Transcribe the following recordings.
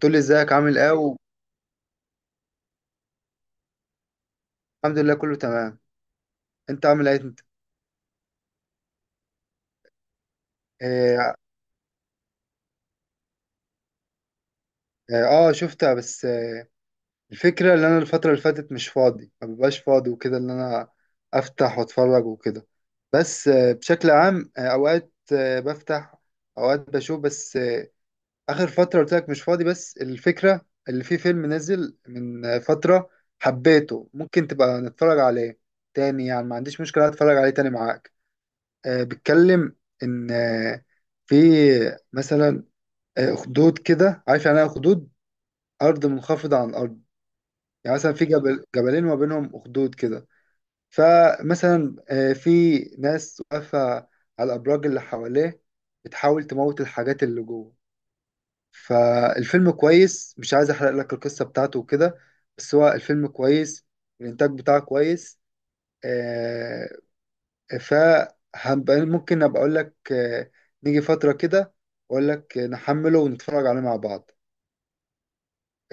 تقول لي ازيك عامل ايه؟ والحمد لله، كله تمام. انت عامل ايه انت؟ اه, آه آه، شفتها. بس الفكره اللي انا، الفتره اللي فاتت مش فاضي، ما ببقاش فاضي وكده، اللي انا افتح واتفرج وكده. بس بشكل عام، اوقات بفتح، اوقات بشوف. بس اخر فتره قلت لك مش فاضي. بس الفكره اللي في فيلم نزل من فتره، حبيته، ممكن تبقى نتفرج عليه تاني. يعني ما عنديش مشكله اتفرج عليه تاني معاك. بيتكلم ان في مثلا اخدود، كده عارف يعني ايه اخدود؟ ارض منخفضه عن الارض. يعني مثلا في جبل، جبلين ما بينهم اخدود كده. فمثلا في ناس واقفه على الابراج اللي حواليه بتحاول تموت الحاجات اللي جوه. فالفيلم كويس، مش عايز احرق لك القصه بتاعته وكده، بس هو الفيلم كويس، الانتاج بتاعه كويس. آه، فهبقى ممكن ابقى اقول لك، نيجي فترة كده واقول لك نحمله ونتفرج عليه مع بعض.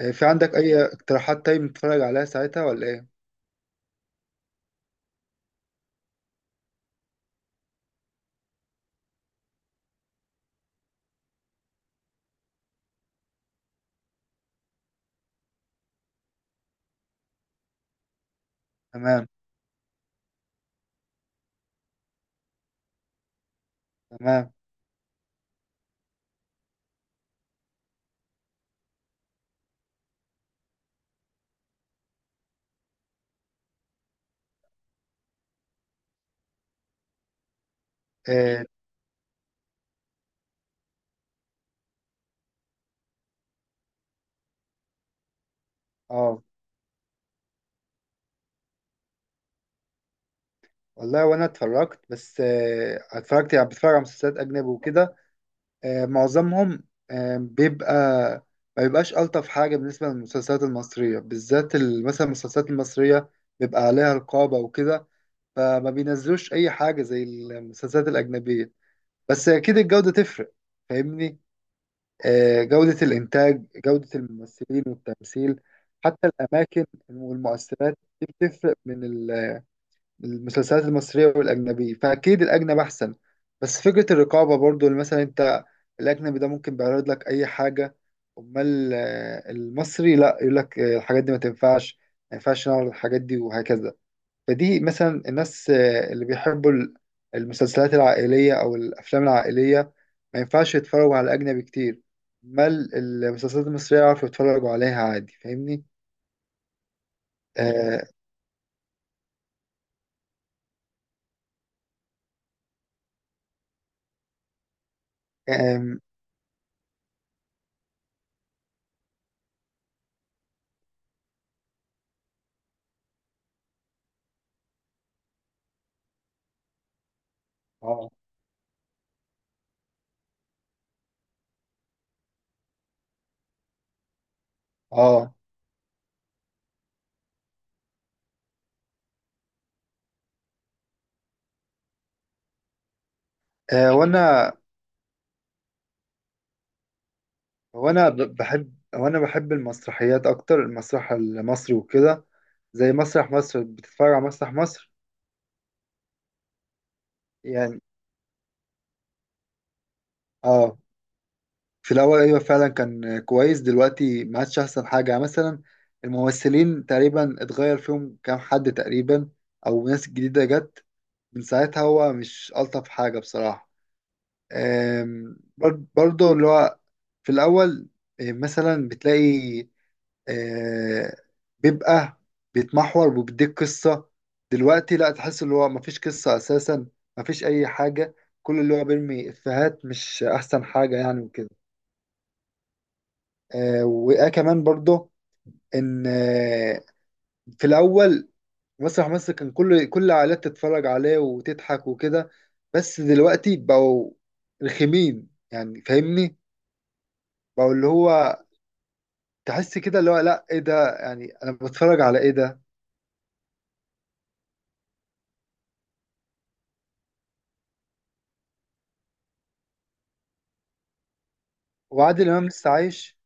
في عندك اي اقتراحات؟ طيب نتفرج عليها ساعتها ولا ايه؟ تمام. تمام. اه. آه، والله وانا اتفرجت، بس اتفرجت، يعني بتفرج على مسلسلات اجنبي وكده. معظمهم بيبقى، ما بيبقاش الطف حاجة. بالنسبة للمسلسلات المصرية بالذات، مثلا المسلسلات المصرية بيبقى عليها رقابة وكده، فما بينزلوش اي حاجة زي المسلسلات الاجنبية. بس اكيد الجودة تفرق، فاهمني؟ جودة الانتاج، جودة الممثلين والتمثيل، حتى الاماكن والمؤثرات، دي بتفرق من المسلسلات المصرية والاجنبية. فاكيد الاجنبي احسن. بس فكرة الرقابة برضو، اللي مثلا انت الاجنبي ده ممكن بيعرض لك اي حاجة، امال المصري لا، يقول لك الحاجات دي ما تنفعش، ما ينفعش نعرض الحاجات دي، وهكذا. فدي مثلا الناس اللي بيحبوا المسلسلات العائلية أو الأفلام العائلية، ما ينفعش يتفرجوا على أجنبي كتير. ما المسلسلات المصرية يعرفوا يتفرجوا عليها عادي، فاهمني؟ آه. آم، آه. آه. آه، وأنا بحب، وأنا بحب المسرحيات أكتر، المسرح المصري وكده، زي مسرح مصر. بتتفرج على مسرح مصر؟ يعني آه في الأول أيوة، فعلا كان كويس. دلوقتي ما عادش أحسن حاجة. يعني مثلا الممثلين تقريبا اتغير فيهم كام حد تقريبا، أو ناس جديدة جت، من ساعتها هو مش ألطف حاجة بصراحة. برضه اللي هو في الأول مثلا بتلاقي، آه، بيبقى بيتمحور وبيديك قصة. دلوقتي لا، تحس اللي هو مفيش قصة أساسا، مفيش أي حاجة، كل اللي هو بيرمي إفيهات، مش أحسن حاجة يعني وكده. آه وآه كمان برضه ان في الاول مسرح مصر كان كل العائلات تتفرج عليه وتضحك وكده. بس دلوقتي بقوا رخمين يعني، فاهمني؟ بقوا اللي هو تحس كده اللي هو لا، ايه ده؟ يعني انا بتفرج على ايه ده؟ وعادل امام لسه عايش،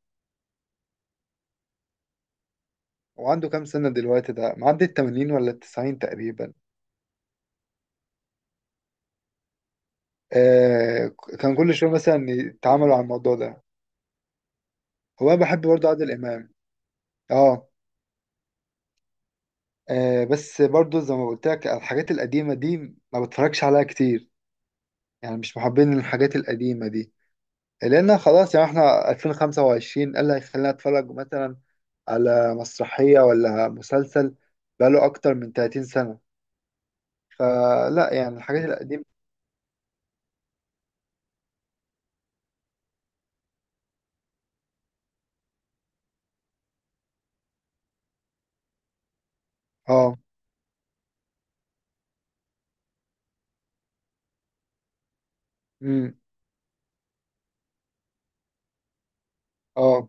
وعنده كام سنة دلوقتي؟ ده معدي ال 80 ولا ال 90 تقريبا؟ آه. كان كل شوية مثلا يتعاملوا على الموضوع ده. هو انا بحب برضه عادل امام. اه. بس برضو زي ما قلت لك، الحاجات القديمة دي ما بتفرجش عليها كتير، يعني مش محبين الحاجات القديمة دي. لأن خلاص، يعني احنا 2025، إيه اللي هيخلينا أتفرج مثلا على مسرحية ولا مسلسل بقاله أكتر من 30 سنة؟ فلا يعني الحاجات القديمة. اه. امم. اه.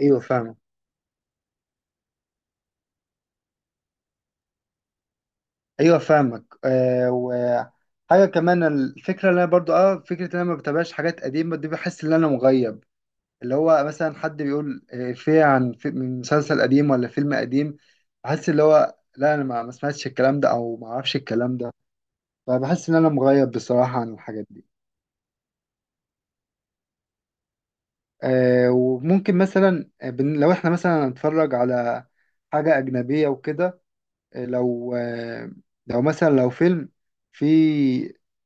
ايوه فاهمك. ايوه فاهمك. وحاجة كمان، الفكرة اللي انا برضو فكرة ان انا ما بتابعش حاجات قديمة دي، بحس ان انا مغيب. اللي هو مثلا حد بيقول إفيه عن في من مسلسل قديم ولا فيلم قديم، بحس اللي هو لا، أنا ما سمعتش الكلام ده أو ما أعرفش الكلام ده. فبحس إن أنا مغيب بصراحة عن الحاجات دي. وممكن مثلا، لو إحنا مثلا نتفرج على حاجة أجنبية وكده، آه، لو آه، لو مثلا لو فيلم في،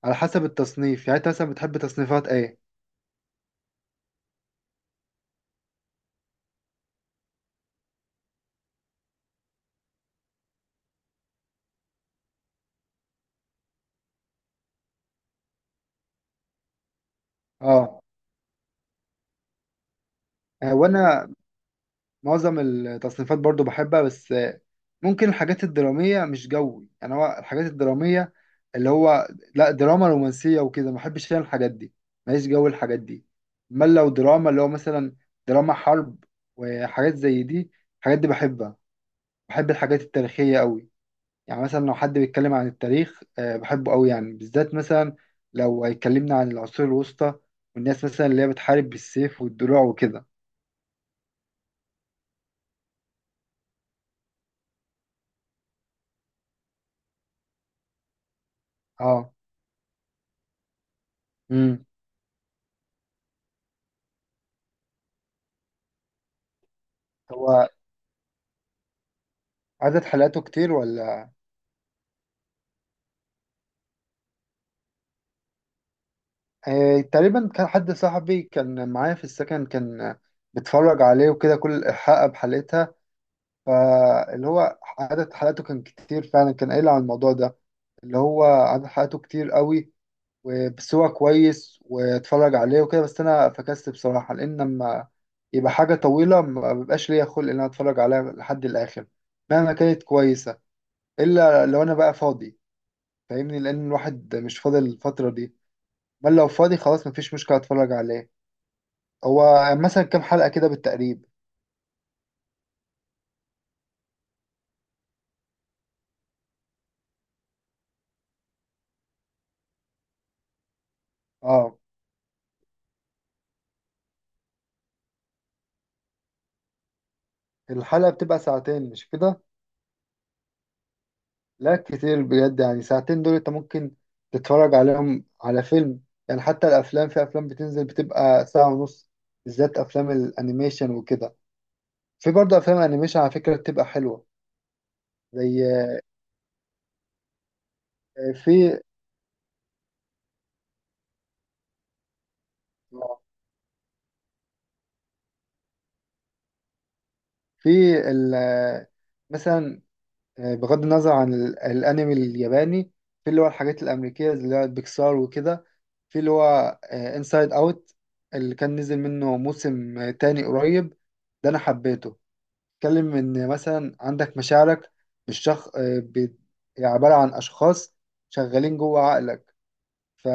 على حسب التصنيف. يعني أنت مثلا بتحب تصنيفات إيه؟ أه. وأنا معظم التصنيفات برضو بحبها، بس ممكن الحاجات الدرامية مش جوي. يعني هو الحاجات الدرامية اللي هو لا، دراما رومانسية وكده، ما بحبش انا الحاجات دي، ماليش جو الحاجات دي. امال لو دراما اللي هو مثلا دراما حرب وحاجات زي دي، الحاجات دي بحبها. بحب الحاجات التاريخية قوي، يعني مثلا لو حد بيتكلم عن التاريخ بحبه قوي. يعني بالذات مثلا لو هيكلمنا عن العصور الوسطى، والناس مثلا اللي هي بتحارب بالسيف والدروع وكده. اه. امم. عدد حلقاته كتير ولا؟ آه تقريبا، كان حد صاحبي كان معايا في السكن كان بيتفرج عليه وكده، كل حلقة بحلقتها. فاللي هو عدد حلقاته كان كتير فعلا، كان قايل على الموضوع ده، اللي هو عدد حلقاته كتير قوي. وبس هو كويس، واتفرج عليه وكده. بس انا فكست بصراحة، لان لما يبقى حاجة طويلة ما بيبقاش ليا خلق ان انا اتفرج عليها لحد الاخر مهما كانت كويسة، الا لو انا بقى فاضي، فاهمني؟ لان الواحد مش فاضي الفترة دي. بل لو فاضي خلاص مفيش مشكلة، اتفرج عليه. هو مثلا كام حلقة كده بالتقريب؟ اه. الحلقة بتبقى ساعتين مش كده؟ لا كتير بجد، يعني ساعتين دول انت ممكن تتفرج عليهم على فيلم. يعني حتى الافلام، في افلام بتنزل بتبقى ساعة ونص، بالذات افلام الانيميشن وكده. في برضه افلام انيميشن على فكرة بتبقى حلوة. زي في آه، في ال مثلا بغض النظر عن الانمي الياباني، في اللي هو الحاجات الامريكيه اللي هو بيكسار وكده، في اللي هو انسايد اوت. اللي كان نزل منه موسم تاني قريب. ده انا حبيته. اتكلم ان مثلا عندك مشاعرك بالشخص، عباره عن اشخاص شغالين جوه عقلك. ف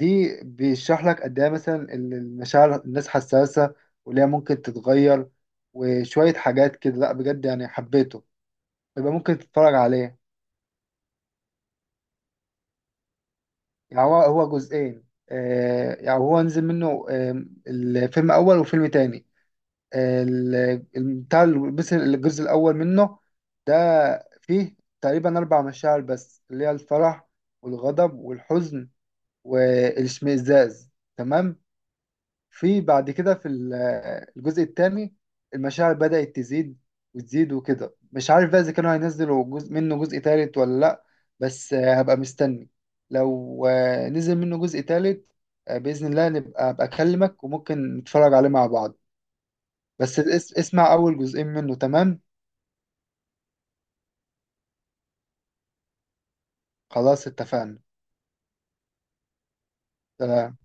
دي بيشرح لك قد ايه مثلا المشاعر، الناس حساسه وليه ممكن تتغير، وشويه حاجات كده. لا بجد يعني حبيته، يبقى ممكن تتفرج عليه. يعني هو جزئين. يعني هو نزل منه الفيلم أول وفيلم تاني. بس الجزء الأول منه ده فيه تقريبا أربع مشاعر بس، اللي هي الفرح والغضب والحزن والاشمئزاز، تمام؟ في بعد كده في الجزء الثاني المشاعر بدأت تزيد وتزيد وكده. مش عارف بقى إذا كانوا هينزلوا جزء ثالث ولا لأ. بس هبقى مستني، لو نزل منه جزء ثالث، بإذن الله نبقى، أبقى أكلمك وممكن نتفرج عليه مع بعض. اسمع أول جزئين منه، تمام؟ خلاص، اتفقنا. سلام.